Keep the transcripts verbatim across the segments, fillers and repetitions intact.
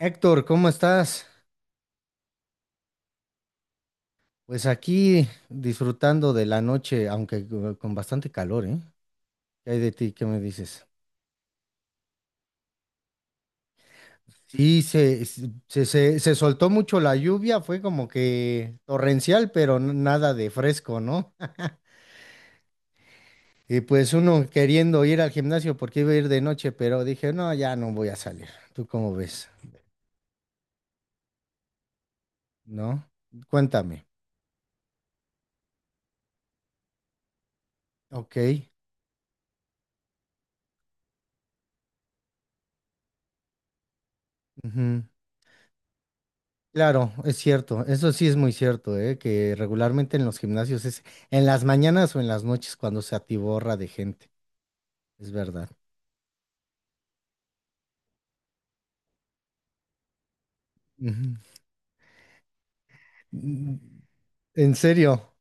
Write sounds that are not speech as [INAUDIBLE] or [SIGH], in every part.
Héctor, ¿cómo estás? Pues aquí disfrutando de la noche, aunque co- con bastante calor, ¿eh? ¿Qué hay de ti? ¿Qué me dices? Sí, se, se, se, se soltó mucho la lluvia, fue como que torrencial, pero n- nada de fresco, ¿no? [LAUGHS] Y pues uno queriendo ir al gimnasio porque iba a ir de noche, pero dije, no, ya no voy a salir. ¿Tú cómo ves? ¿No? Cuéntame. Ok. Claro, es cierto, eso sí es muy cierto, ¿eh? Que regularmente en los gimnasios es en las mañanas o en las noches cuando se atiborra de gente, es verdad. Ujú. Mm, en serio,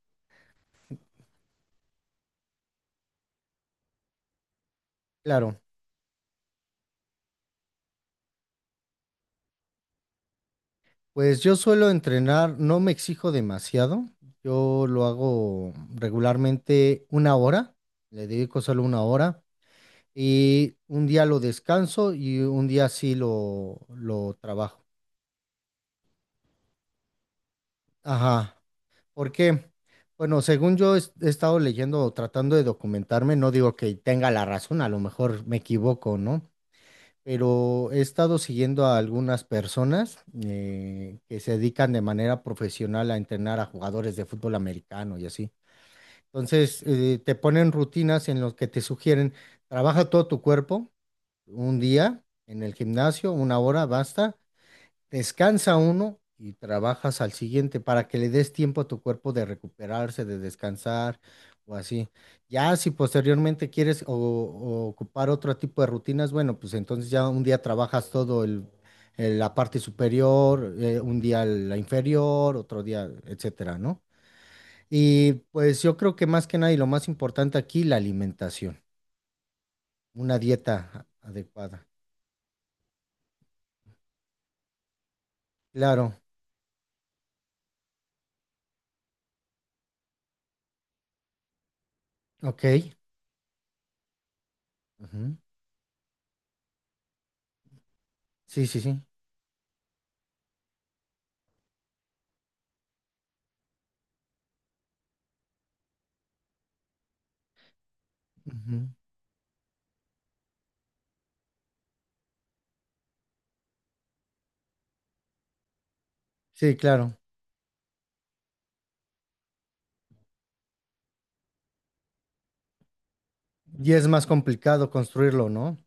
claro, pues yo suelo entrenar, no me exijo demasiado, yo lo hago regularmente una hora, le dedico solo una hora y un día lo descanso y un día sí lo, lo trabajo. Ajá. ¿Por qué? Bueno, según yo es- he estado leyendo o tratando de documentarme, no digo que tenga la razón, a lo mejor me equivoco, ¿no? Pero he estado siguiendo a algunas personas eh, que se dedican de manera profesional a entrenar a jugadores de fútbol americano y así. Entonces, eh, te ponen rutinas en las que te sugieren, trabaja todo tu cuerpo un día en el gimnasio, una hora, basta. Descansa uno y trabajas al siguiente para que le des tiempo a tu cuerpo de recuperarse, de descansar o así. Ya si posteriormente quieres o, o ocupar otro tipo de rutinas, bueno, pues entonces ya un día trabajas todo el, el- la parte superior, eh, un día la inferior, otro día, etcétera, ¿no? Y pues yo creo que más que nada y lo más importante aquí, la alimentación, una dieta a- adecuada. Claro, ok. Ujú. Sí, sí, sí. Ujú. Sí, claro. Y es más complicado construirlo, ¿no?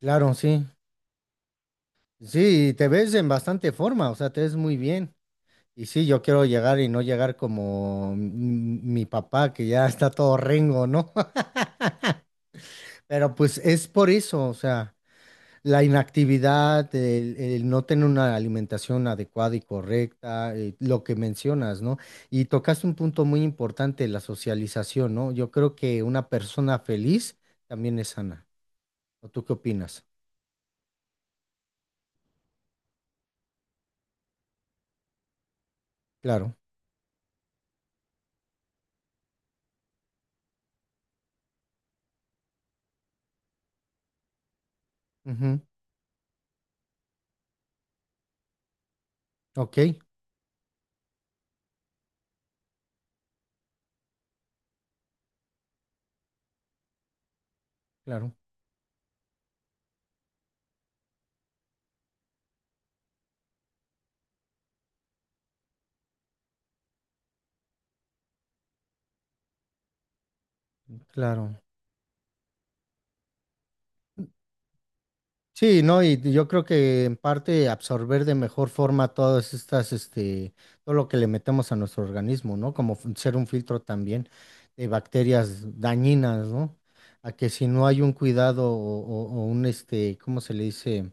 Claro, sí. Sí, y te ves en bastante forma, o sea, te ves muy bien. Y sí, yo quiero llegar y no llegar como m- mi papá, que ya [LAUGHS] está todo rengo, ¿no? [LAUGHS] Pero pues es por eso, o sea, la inactividad, el, el no tener una alimentación adecuada y correcta, eh, lo que mencionas, ¿no? Y tocaste un punto muy importante, la socialización, ¿no? Yo creo que una persona feliz también es sana. ¿O tú qué opinas? Claro. Ujú. Ok, claro, claro. Sí, ¿no? Y yo creo que en parte absorber de mejor forma todas estas, este, todo lo que le metemos a nuestro organismo, ¿no? Como fun- ser un filtro también de bacterias dañinas, ¿no? A que si no hay un cuidado o, o- o un, este, ¿cómo se le dice?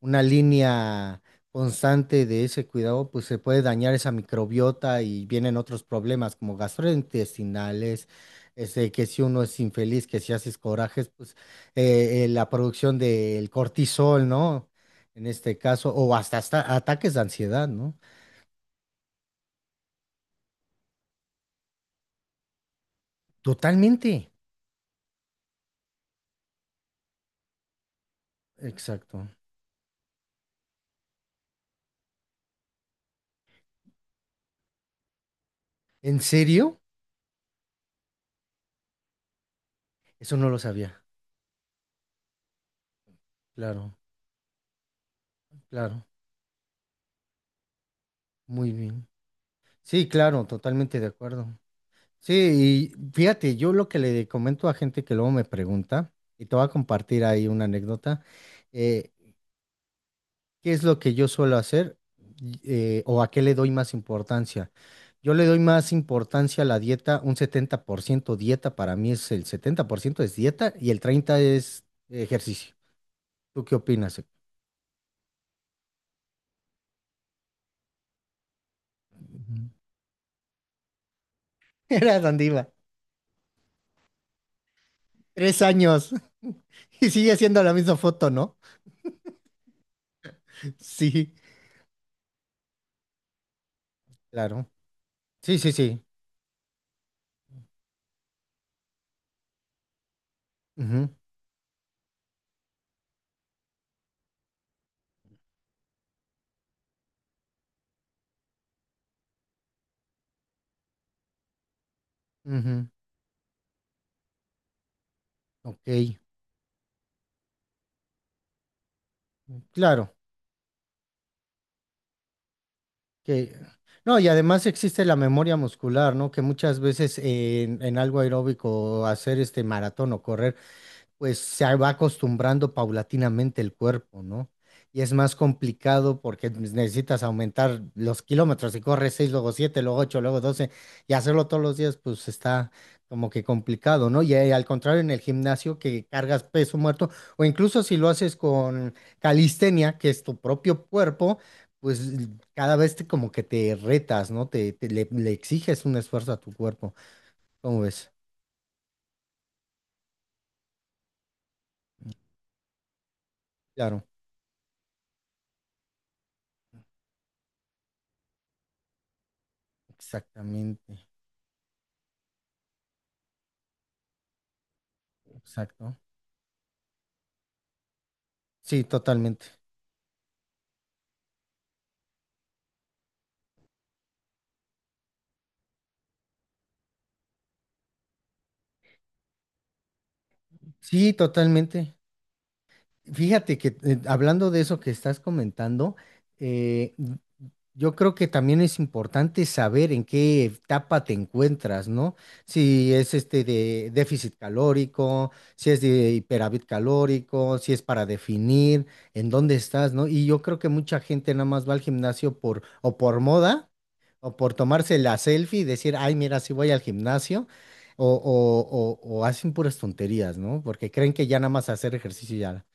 Una línea constante de ese cuidado, pues se puede dañar esa microbiota y vienen otros problemas como gastrointestinales, este, que si uno es infeliz, que si haces corajes, pues eh, eh, la producción del cortisol, ¿no? En este caso, o hasta, hasta ataques de ansiedad, ¿no? Totalmente. Exacto. ¿En serio? Eso no lo sabía. Claro, claro. Muy bien. Sí, claro, totalmente de acuerdo. Sí, y fíjate, yo lo que le comento a gente que luego me pregunta, y te voy a compartir ahí una anécdota, eh, ¿qué es lo que yo suelo hacer y, eh, o a qué le doy más importancia? Yo le doy más importancia a la dieta, un setenta por ciento dieta, para mí es el setenta por ciento es dieta y el treinta por ciento es ejercicio. ¿Tú qué opinas? Ujú. [LAUGHS] Era donde iba. Tres años. [LAUGHS] Y sigue siendo la misma foto, ¿no? Sí, claro. Sí, sí, sí. Ujú, ujú. Ok, claro. Que... No, y además existe la memoria muscular, ¿no? Que muchas veces en, en algo aeróbico, hacer este maratón o correr, pues se va acostumbrando paulatinamente el cuerpo, ¿no? Y es más complicado porque necesitas aumentar los kilómetros. Si corres seis luego siete luego ocho luego doce y hacerlo todos los días, pues está como que complicado, ¿no? Y eh, al contrario, en el gimnasio que cargas peso muerto, o incluso si lo haces con calistenia, que es tu propio cuerpo, pues cada vez te, como que te retas, ¿no? Te, te- le, le exiges un esfuerzo a tu cuerpo. ¿Cómo ves? Claro, exactamente. Exacto. Sí, totalmente. Sí, totalmente. Fíjate que eh, hablando de eso que estás comentando, eh, yo creo que también es importante saber en qué etapa te encuentras, ¿no? Si es este de déficit calórico, si es de hiperávit calórico, si es para definir en dónde estás, ¿no? Y yo creo que mucha gente nada más va al gimnasio por o por moda o por tomarse la selfie y decir, ay, mira, sí voy al gimnasio o, o, o, o hacen puras tonterías, ¿no? Porque creen que ya nada más hacer ejercicio ya.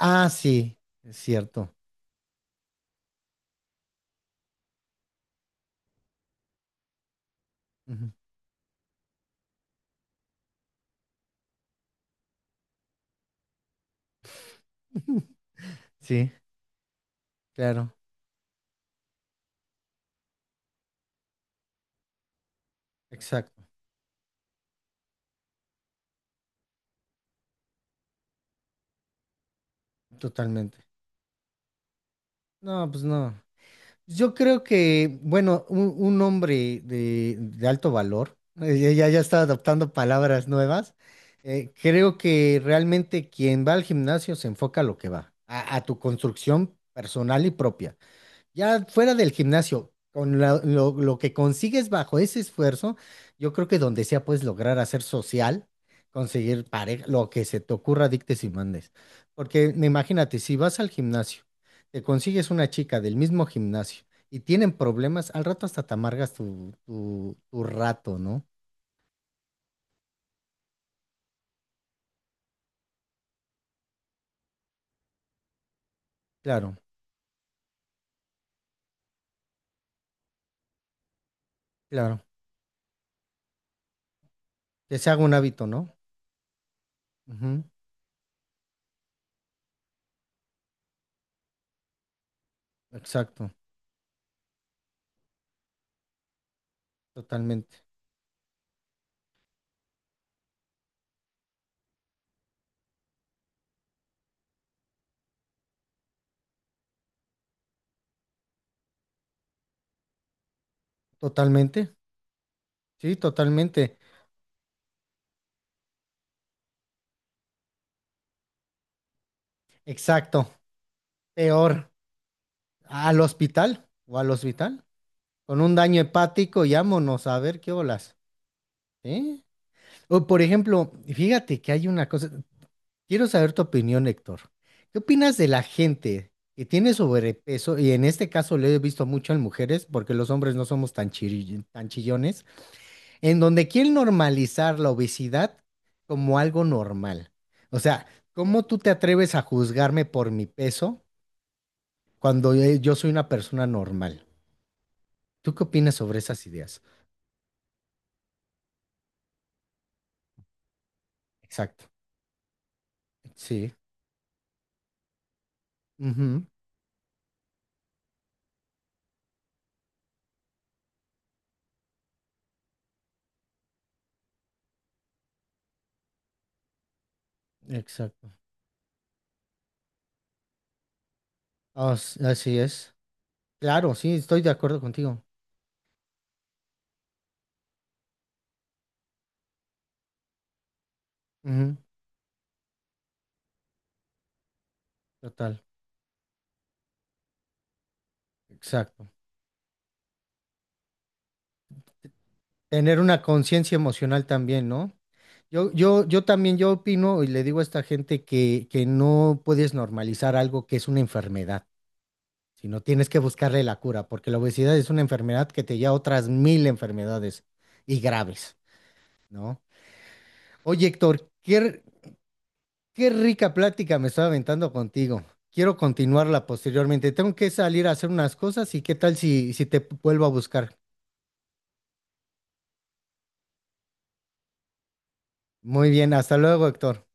Ah, sí, es cierto. Ujú. [LAUGHS] Sí, claro, exacto. Totalmente. No, pues no. Yo creo que, bueno, un, un hombre de, de alto valor, eh, ya, ya ya está adoptando palabras nuevas, eh, creo que realmente quien va al gimnasio se enfoca a lo que va, a, a tu construcción personal y propia. Ya fuera del gimnasio, con la- lo, lo que consigues bajo ese esfuerzo, yo creo que donde sea puedes lograr hacer social, conseguir pareja, lo que se te ocurra, dictes y mandes. Porque me imagínate, si vas al gimnasio, te consigues una chica del mismo gimnasio y tienen problemas, al rato hasta te amargas tu, tu, tu rato, ¿no? Claro, claro. Que se haga un hábito, ¿no? Ujú, exacto, totalmente. Totalmente, sí, totalmente. Exacto, peor. Al hospital o al hospital con un daño hepático y vámonos a ver qué olas. ¿Eh? O por ejemplo, fíjate que hay una cosa, quiero saber tu opinión, Héctor. ¿Qué opinas de la gente que tiene sobrepeso? Y en este caso lo he visto mucho en mujeres, porque los hombres no somos tan chiri- tan chillones, en donde quieren normalizar la obesidad como algo normal. O sea, ¿cómo tú te atreves a juzgarme por mi peso cuando eh, yo soy una persona normal? ¿Tú qué opinas sobre esas ideas? Exacto, sí, ujú, exacto, as- así es. Claro, sí, estoy de acuerdo contigo. Ujú, total, exacto. Tener una conciencia emocional también, ¿no? Yo, yo, yo también, yo opino y le digo a esta gente que, que no puedes normalizar algo que es una enfermedad, sino tienes que buscarle la cura, porque la obesidad es una enfermedad que te lleva a otras mil enfermedades y graves, ¿no? Oye, Héctor, qué, qué rica plática me estaba aventando contigo. Quiero continuarla posteriormente. Tengo que salir a hacer unas cosas y qué tal si, si te vuelvo a buscar. Muy bien, hasta luego, Héctor.